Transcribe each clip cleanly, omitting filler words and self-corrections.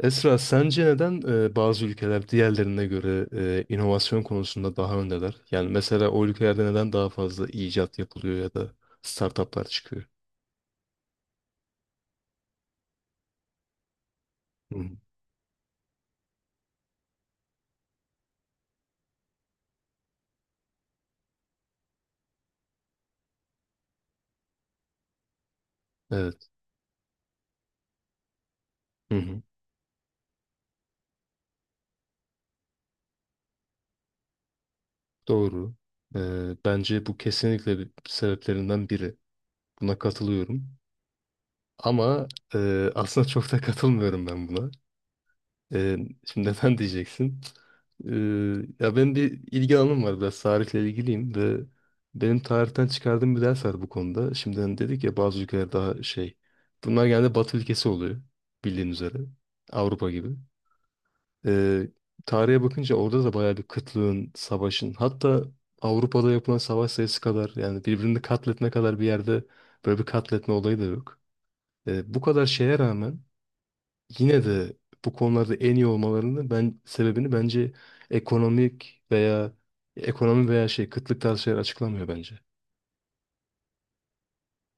Esra, sence neden bazı ülkeler diğerlerine göre inovasyon konusunda daha öndeler? Yani mesela o ülkelerde neden daha fazla icat yapılıyor ya da startuplar çıkıyor? Hı hı. Evet. Hı hı. Doğru. E, bence bu kesinlikle bir sebeplerinden biri. Buna katılıyorum. Ama aslında çok da katılmıyorum ben buna. Ee, şimdi neden diyeceksin? Ee, ya benim bir ilgi alanım var, biraz tarihle ilgiliyim ve benim tarihten çıkardığım bir ders var bu konuda. Şimdi hani dedik ya, bazı ülkeler daha şey. Bunlar genelde Batı ülkesi oluyor, bildiğin üzere. Avrupa gibi. Ee, tarihe bakınca orada da bayağı bir kıtlığın, savaşın, hatta Avrupa'da yapılan savaş sayısı kadar, yani birbirini katletme kadar bir yerde böyle bir katletme olayı da yok. Bu kadar şeye rağmen yine de bu konularda en iyi olmalarının ben sebebini, bence ekonomik veya ekonomi veya şey kıtlık tarzı şeyler açıklamıyor bence.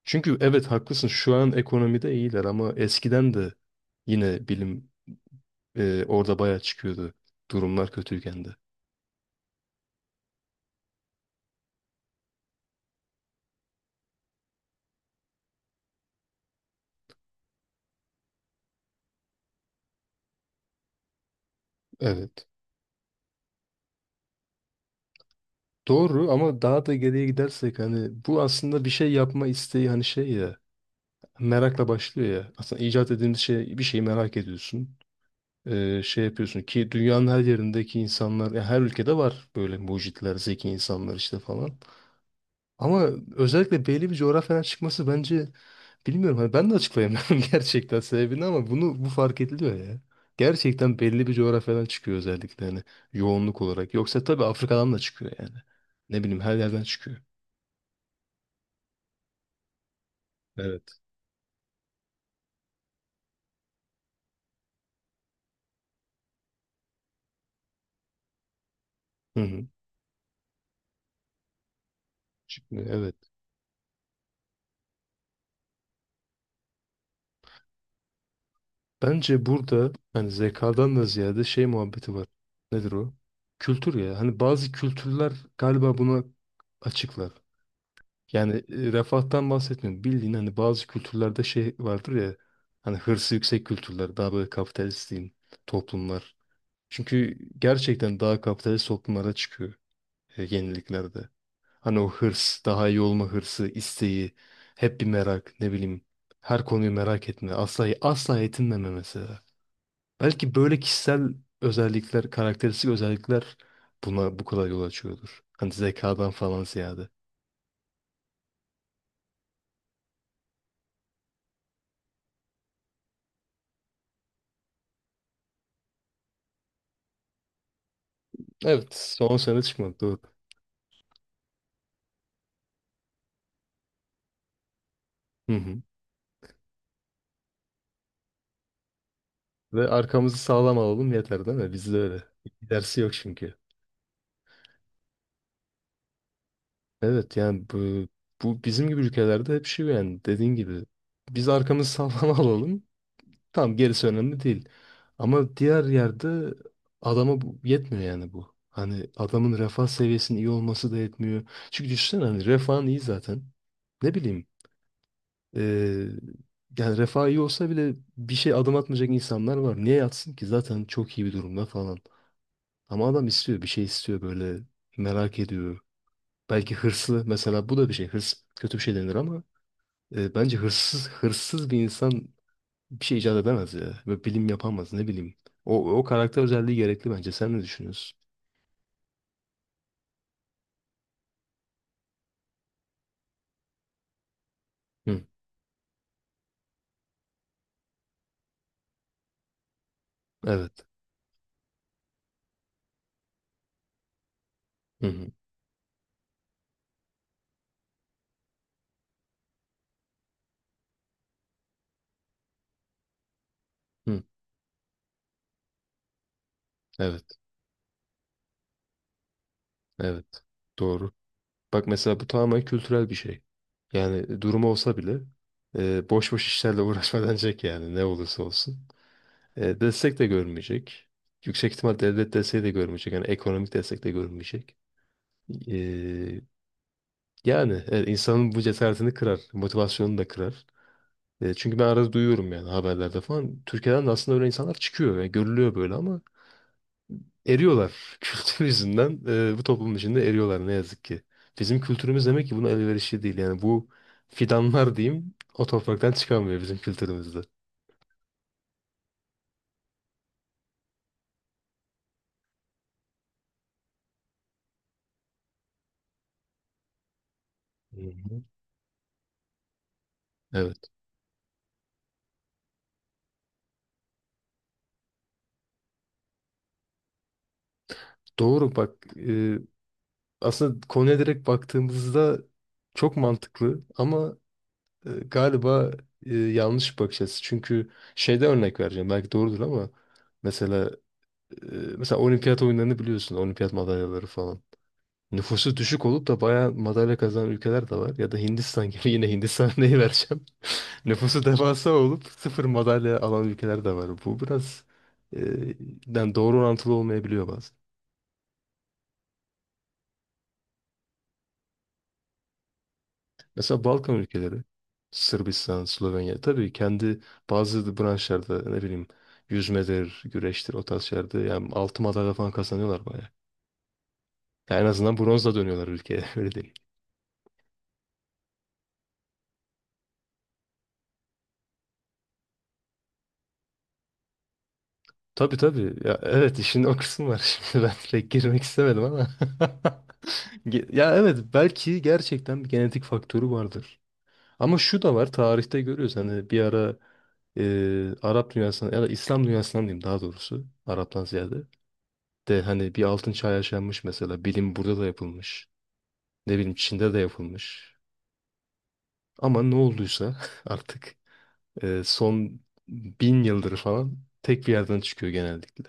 Çünkü evet haklısın, şu an ekonomide iyiler ama eskiden de yine bilim orada bayağı çıkıyordu, durumlar kötüyken de. Evet. Doğru ama daha da geriye gidersek hani bu aslında bir şey yapma isteği, hani şey ya, merakla başlıyor ya. Aslında icat edilmiş şey, bir şeyi merak ediyorsun. Şey yapıyorsun ki dünyanın her yerindeki insanlar, ya her ülkede var böyle mucitler, zeki insanlar işte falan. Ama özellikle belli bir coğrafyadan çıkması bence, bilmiyorum hani, ben de açıklayamıyorum gerçekten sebebini ama bunu, bu fark ediliyor ya. Gerçekten belli bir coğrafyadan çıkıyor özellikle, hani yoğunluk olarak. Yoksa tabii Afrika'dan da çıkıyor yani. Ne bileyim, her yerden çıkıyor. Evet. Hı hı. Çıkmıyor, evet. Bence burada hani zekadan da ziyade şey muhabbeti var. Nedir o? Kültür ya. Hani bazı kültürler galiba buna açıklar. Yani refahtan bahsetmiyorum. Bildiğin hani bazı kültürlerde şey vardır ya. Hani hırsı yüksek kültürler. Daha böyle kapitalist diyeyim, toplumlar. Çünkü gerçekten daha kapitalist toplumlara çıkıyor yeniliklerde. Hani o hırs, daha iyi olma hırsı, isteği, hep bir merak, ne bileyim, her konuyu merak etme, asla asla yetinmeme mesela. Belki böyle kişisel özellikler, karakteristik özellikler buna bu kadar yol açıyordur. Hani zekadan falan ziyade. Evet, son sene çıkmadı, doğru. Hı hı. Ve arkamızı sağlam alalım yeter değil mi? Bizde öyle. Dersi yok çünkü. Evet yani bu bizim gibi ülkelerde hep şey, yani dediğin gibi biz arkamızı sağlam alalım. Tamam, gerisi önemli değil. Ama diğer yerde adama bu yetmiyor, yani bu. Hani adamın refah seviyesinin iyi olması da yetmiyor. Çünkü düşünsene, hani refahın iyi zaten. Ne bileyim, eee, yani refah iyi olsa bile bir şey adım atmayacak insanlar var. Niye yatsın ki zaten, çok iyi bir durumda falan. Ama adam istiyor, bir şey istiyor, böyle merak ediyor. Belki hırslı mesela, bu da bir şey, hırs kötü bir şey denir ama bence hırsız, hırsız bir insan bir şey icat edemez ya. Ve bilim yapamaz, ne bileyim. O karakter özelliği gerekli bence. Sen ne düşünüyorsun? Hı, evet. Hı hı. Hı, evet. Evet. Doğru. Bak mesela, bu tamamen kültürel bir şey. Yani durumu olsa bile boş boş işlerle uğraşmadanacak yani, ne olursa olsun. Destek de görmeyecek. Yüksek ihtimal devlet desteği de görmeyecek. Yani ekonomik destek de görmeyecek. E, yani evet, insanın bu cesaretini kırar. Motivasyonunu da kırar. Çünkü ben arada duyuyorum yani, haberlerde falan. Türkiye'den de aslında öyle insanlar çıkıyor ve görülüyor böyle, ama eriyorlar. Kültür yüzünden bu toplum içinde eriyorlar ne yazık ki. Bizim kültürümüz demek ki buna elverişli değil. Yani bu fidanlar diyeyim, o topraktan çıkamıyor bizim kültürümüzde. Hı hı. Evet. Doğru, bak aslında konuya direkt baktığımızda çok mantıklı ama galiba yanlış bir bakış açısı. Çünkü şeyde örnek vereceğim. Belki doğrudur ama mesela e, mesela olimpiyat oyunlarını biliyorsun. Olimpiyat madalyaları falan. Nüfusu düşük olup da bayağı madalya kazanan ülkeler de var. Ya da Hindistan gibi, yine Hindistan neyi vereceğim. Nüfusu devasa olup sıfır madalya alan ülkeler de var. Bu biraz e, yani doğru orantılı olmayabiliyor. Mesela Balkan ülkeleri, Sırbistan, Slovenya, tabii kendi bazı branşlarda, ne bileyim, yüzmedir, güreştir, o tarz şeylerde yani altın madalya falan kazanıyorlar bayağı. Yani en azından bronzla dönüyorlar ülkeye, öyle değil. Tabii tabii ya, evet, işin o kısmı var, şimdi ben pek girmek istemedim ama. Ya evet, belki gerçekten bir genetik faktörü vardır. Ama şu da var, tarihte görüyoruz hani bir ara Arap dünyasından ya da İslam dünyasından diyeyim, daha doğrusu Arap'tan ziyade. De hani bir altın çağ yaşanmış mesela. Bilim burada da yapılmış. Ne bileyim, Çin'de de yapılmış. Ama ne olduysa artık son bin yıldır falan tek bir yerden çıkıyor genellikle.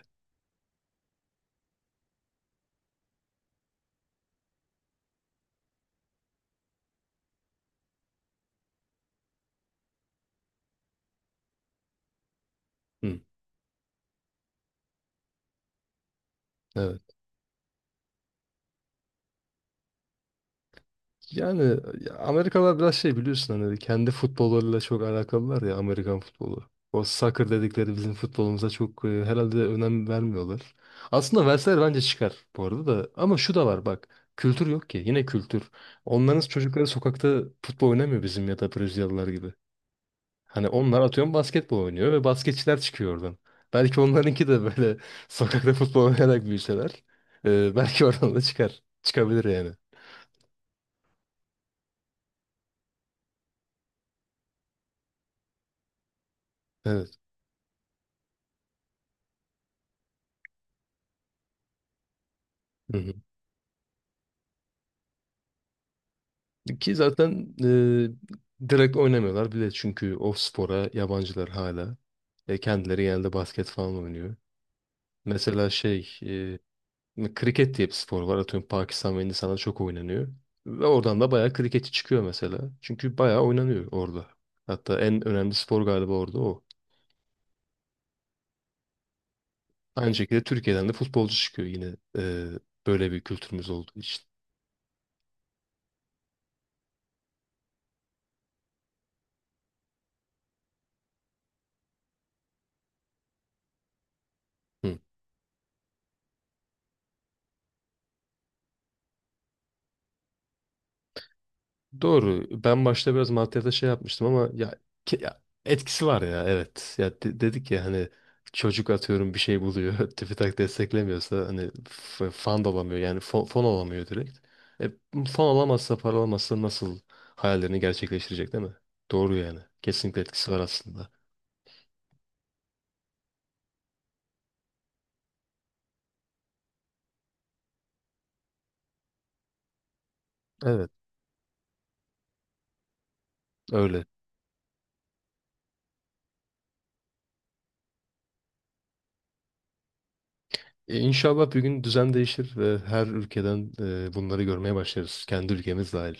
Hı, evet. Yani Amerikalılar biraz şey, biliyorsun hani kendi futbollarıyla çok alakalılar ya, Amerikan futbolu. O soccer dedikleri bizim futbolumuza çok herhalde önem vermiyorlar. Aslında verseler bence çıkar bu arada da. Ama şu da var, bak. Kültür yok ki. Yine kültür. Onların çocukları sokakta futbol oynamıyor bizim ya da Brezilyalılar gibi. Hani onlar, atıyorum, basketbol oynuyor ve basketçiler çıkıyor oradan. Belki onlarınki de böyle sokakta futbol oynayarak büyüseler, belki oradan da çıkar. Çıkabilir yani. Evet. Ki zaten direkt oynamıyorlar bile, çünkü o spora yabancılar hala. Kendileri genelde basket falan oynuyor. Mesela şey, kriket diye bir spor var. Atıyorum Pakistan ve Hindistan'da çok oynanıyor. Ve oradan da bayağı kriketçi çıkıyor mesela. Çünkü bayağı oynanıyor orada. Hatta en önemli spor galiba orada o. Aynı şekilde Türkiye'den de futbolcu çıkıyor yine böyle bir kültürümüz olduğu için. Hı. Doğru. Ben başta biraz maddiyata şey yapmıştım ama ya, ya etkisi var ya, evet. Ya dedik ya hani, çocuk atıyorum bir şey buluyor. TÜBİTAK desteklemiyorsa hani fan da olamıyor. Yani fon olamıyor direkt. E, fon olamazsa, para olamazsa nasıl hayallerini gerçekleştirecek, değil mi? Doğru yani. Kesinlikle etkisi var aslında. Evet öyle. İnşallah bir gün düzen değişir ve her ülkeden bunları görmeye başlarız. Kendi ülkemiz dahil.